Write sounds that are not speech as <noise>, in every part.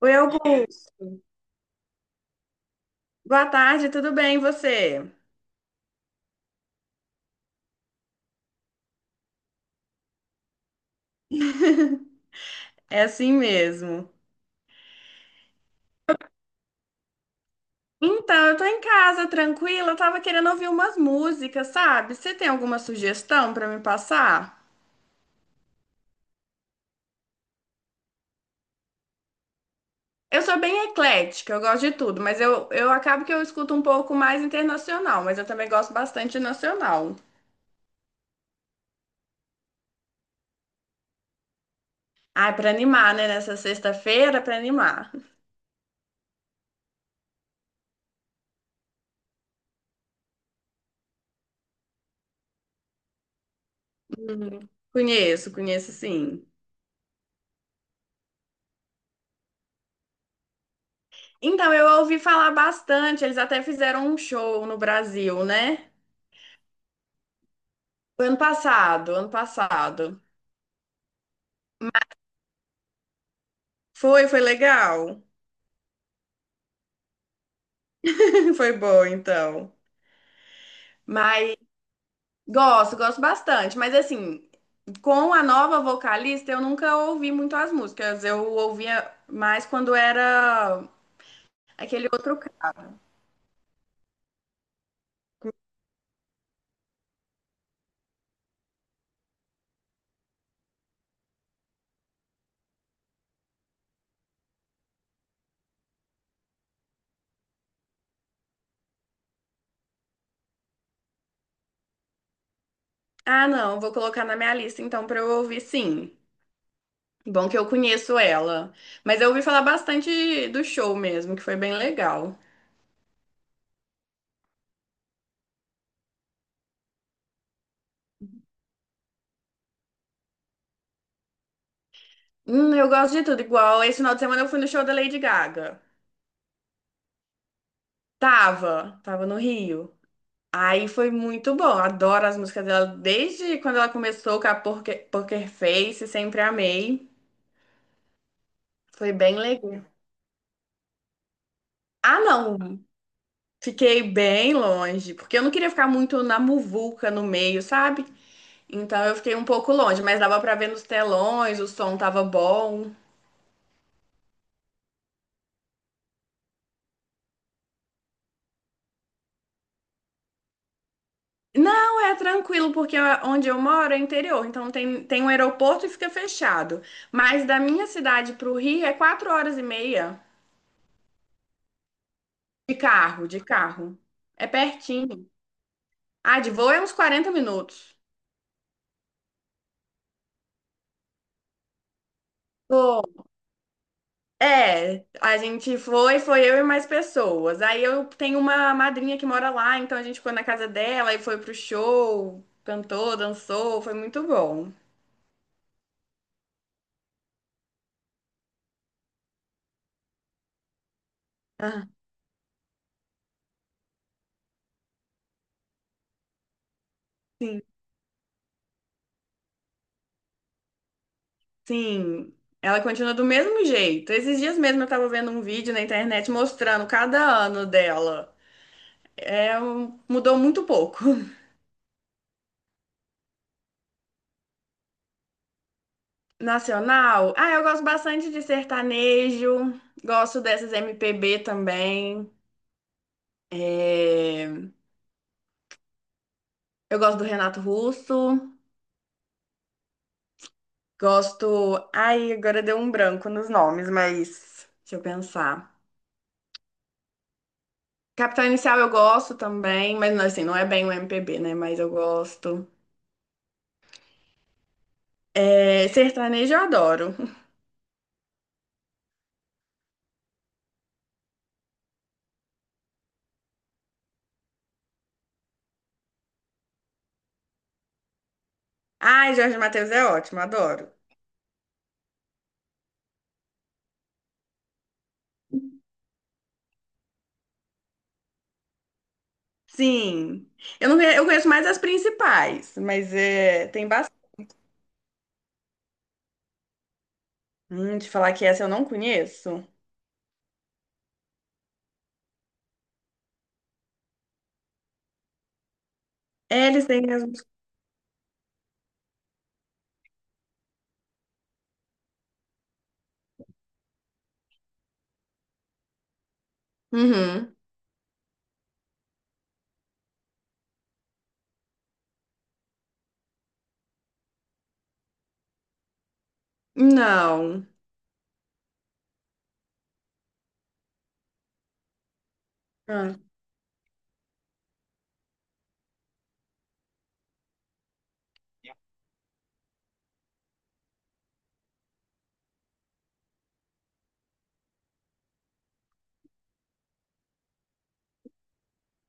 Oi, Augusto. Boa tarde, tudo bem, e você? É assim mesmo. Então, eu tô em casa, tranquila, eu tava querendo ouvir umas músicas, sabe? Você tem alguma sugestão pra me passar? Eu sou bem eclética, eu gosto de tudo, mas eu acabo que eu escuto um pouco mais internacional, mas eu também gosto bastante nacional. Ah, pra animar, né? Nessa sexta-feira, pra animar. Uhum. Conheço, conheço sim. Então, eu ouvi falar bastante, eles até fizeram um show no Brasil, né? Foi ano passado, ano passado. Foi, foi legal. <laughs> Foi bom, então. Mas gosto, gosto bastante. Mas assim, com a nova vocalista, eu nunca ouvi muito as músicas. Eu ouvia mais quando era aquele outro. Ah, não, vou colocar na minha lista então pra eu ouvir sim. Bom que eu conheço ela. Mas eu ouvi falar bastante do show mesmo, que foi bem legal. Eu gosto de tudo, igual esse final de semana eu fui no show da Lady Gaga. Tava, tava no Rio. Aí foi muito bom. Adoro as músicas dela desde quando ela começou com a Poker Face, sempre amei. Foi bem legal. Ah, não, fiquei bem longe, porque eu não queria ficar muito na muvuca no meio, sabe? Então eu fiquei um pouco longe, mas dava pra ver nos telões, o som tava bom. Não, é tranquilo, porque onde eu moro é interior, então tem um aeroporto e fica fechado. Mas da minha cidade pro Rio é 4 horas e meia de carro, de carro. É pertinho. Ah, de voo é uns 40 minutos. Pô, é, a gente foi, foi eu e mais pessoas. Aí eu tenho uma madrinha que mora lá, então a gente ficou na casa dela e foi pro show, cantou, dançou, foi muito bom. Ah, sim. Sim, ela continua do mesmo jeito. Esses dias mesmo eu tava vendo um vídeo na internet mostrando cada ano dela. É, mudou muito pouco. <laughs> Nacional? Ah, eu gosto bastante de sertanejo, gosto dessas MPB também. É, eu gosto do Renato Russo, gosto. Ai, agora deu um branco nos nomes, mas deixa eu pensar. Capital Inicial eu gosto também, mas não, assim, não é bem o MPB, né? Mas eu gosto. É, sertanejo eu adoro. <laughs> Ai, Jorge Mateus é ótimo, adoro. Sim. Eu não, eu conheço mais as principais, mas é, tem bastante. Te falar que essa eu não conheço. É, eles têm as. Uhum. Não. Ah.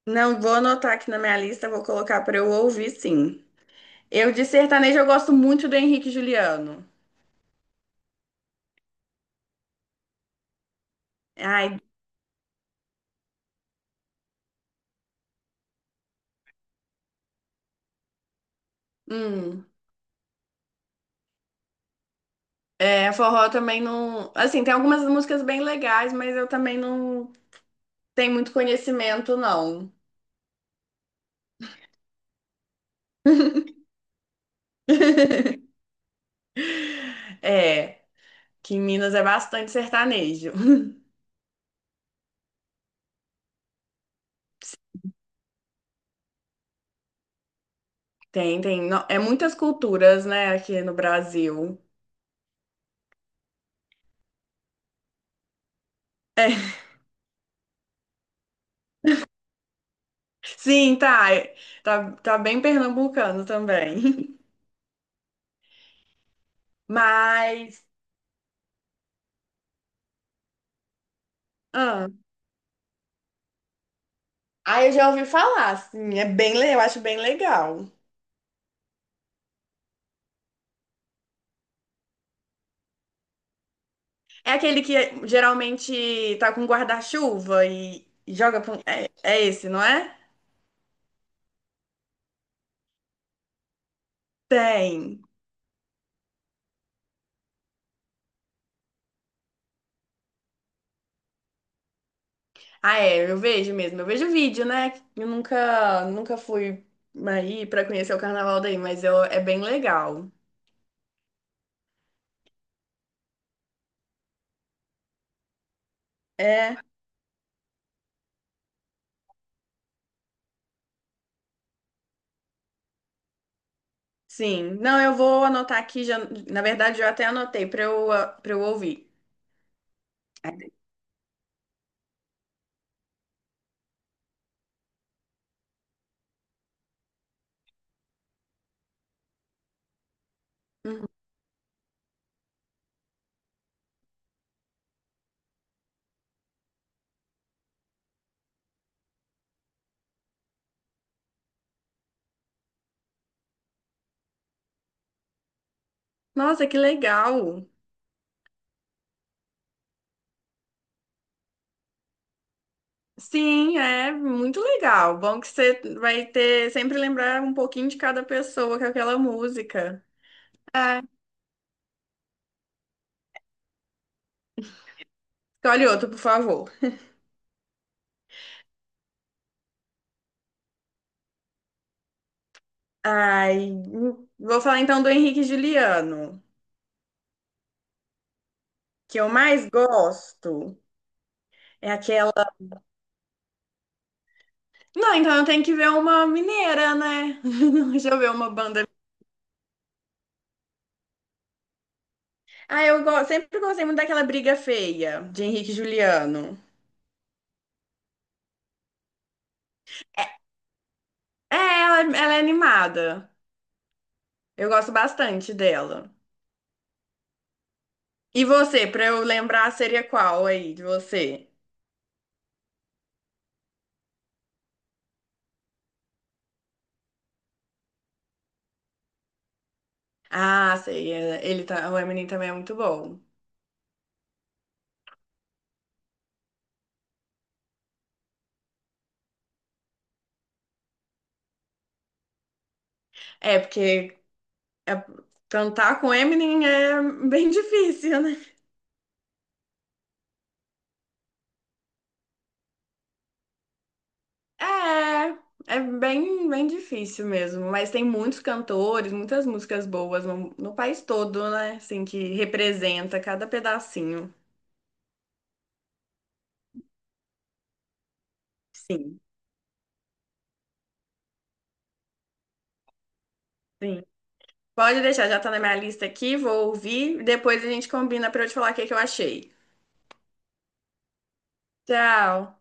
Não, vou anotar aqui na minha lista, vou colocar para eu ouvir, sim. Eu de sertanejo eu gosto muito do Henrique e Juliano. Ai, hum. É, forró também não. Assim, tem algumas músicas bem legais, mas eu também não tenho muito conhecimento, não. É, que em Minas é bastante sertanejo. <laughs> Tem, tem. É muitas culturas, né, aqui no Brasil. <laughs> É, sim, tá. É, tá, tá bem pernambucano também. <laughs> Mas. Ah, eu já ouvi falar, sim. É bem, eu acho bem legal. É aquele que geralmente tá com guarda-chuva e joga com. É, é esse, não é? Tem. Ah, é, eu vejo mesmo. Eu vejo vídeo, né? Eu nunca fui aí pra conhecer o carnaval daí, mas eu, é bem legal. É, sim. Não, eu vou anotar aqui já. Na verdade, eu até anotei pra eu, ah, pra eu ouvir. Uhum. Nossa, que legal! Sim, é muito legal. Bom que você vai ter sempre lembrar um pouquinho de cada pessoa com aquela música. É. Escolhe outro, por favor. Ai, vou falar então do Henrique e Juliano, que eu mais gosto. É aquela. Não, então eu tenho que ver uma mineira, né? <laughs> Deixa eu ver uma banda. Ah, eu sempre gostei muito daquela Briga Feia, de Henrique e Juliano. É, ela é animada. Eu gosto bastante dela. E você, pra eu lembrar, seria qual aí de você? Ah, sei, ele tá, o Eminem também é muito bom. É, porque é- cantar com Eminem é <laughs> bem difícil, né? É, é bem, bem difícil mesmo, mas tem muitos cantores, muitas músicas boas no, no país todo, né? Assim, que representa cada pedacinho. Sim, sim. Pode deixar, já tá na minha lista aqui, vou ouvir, depois a gente combina pra eu te falar o que que eu achei. Tchau!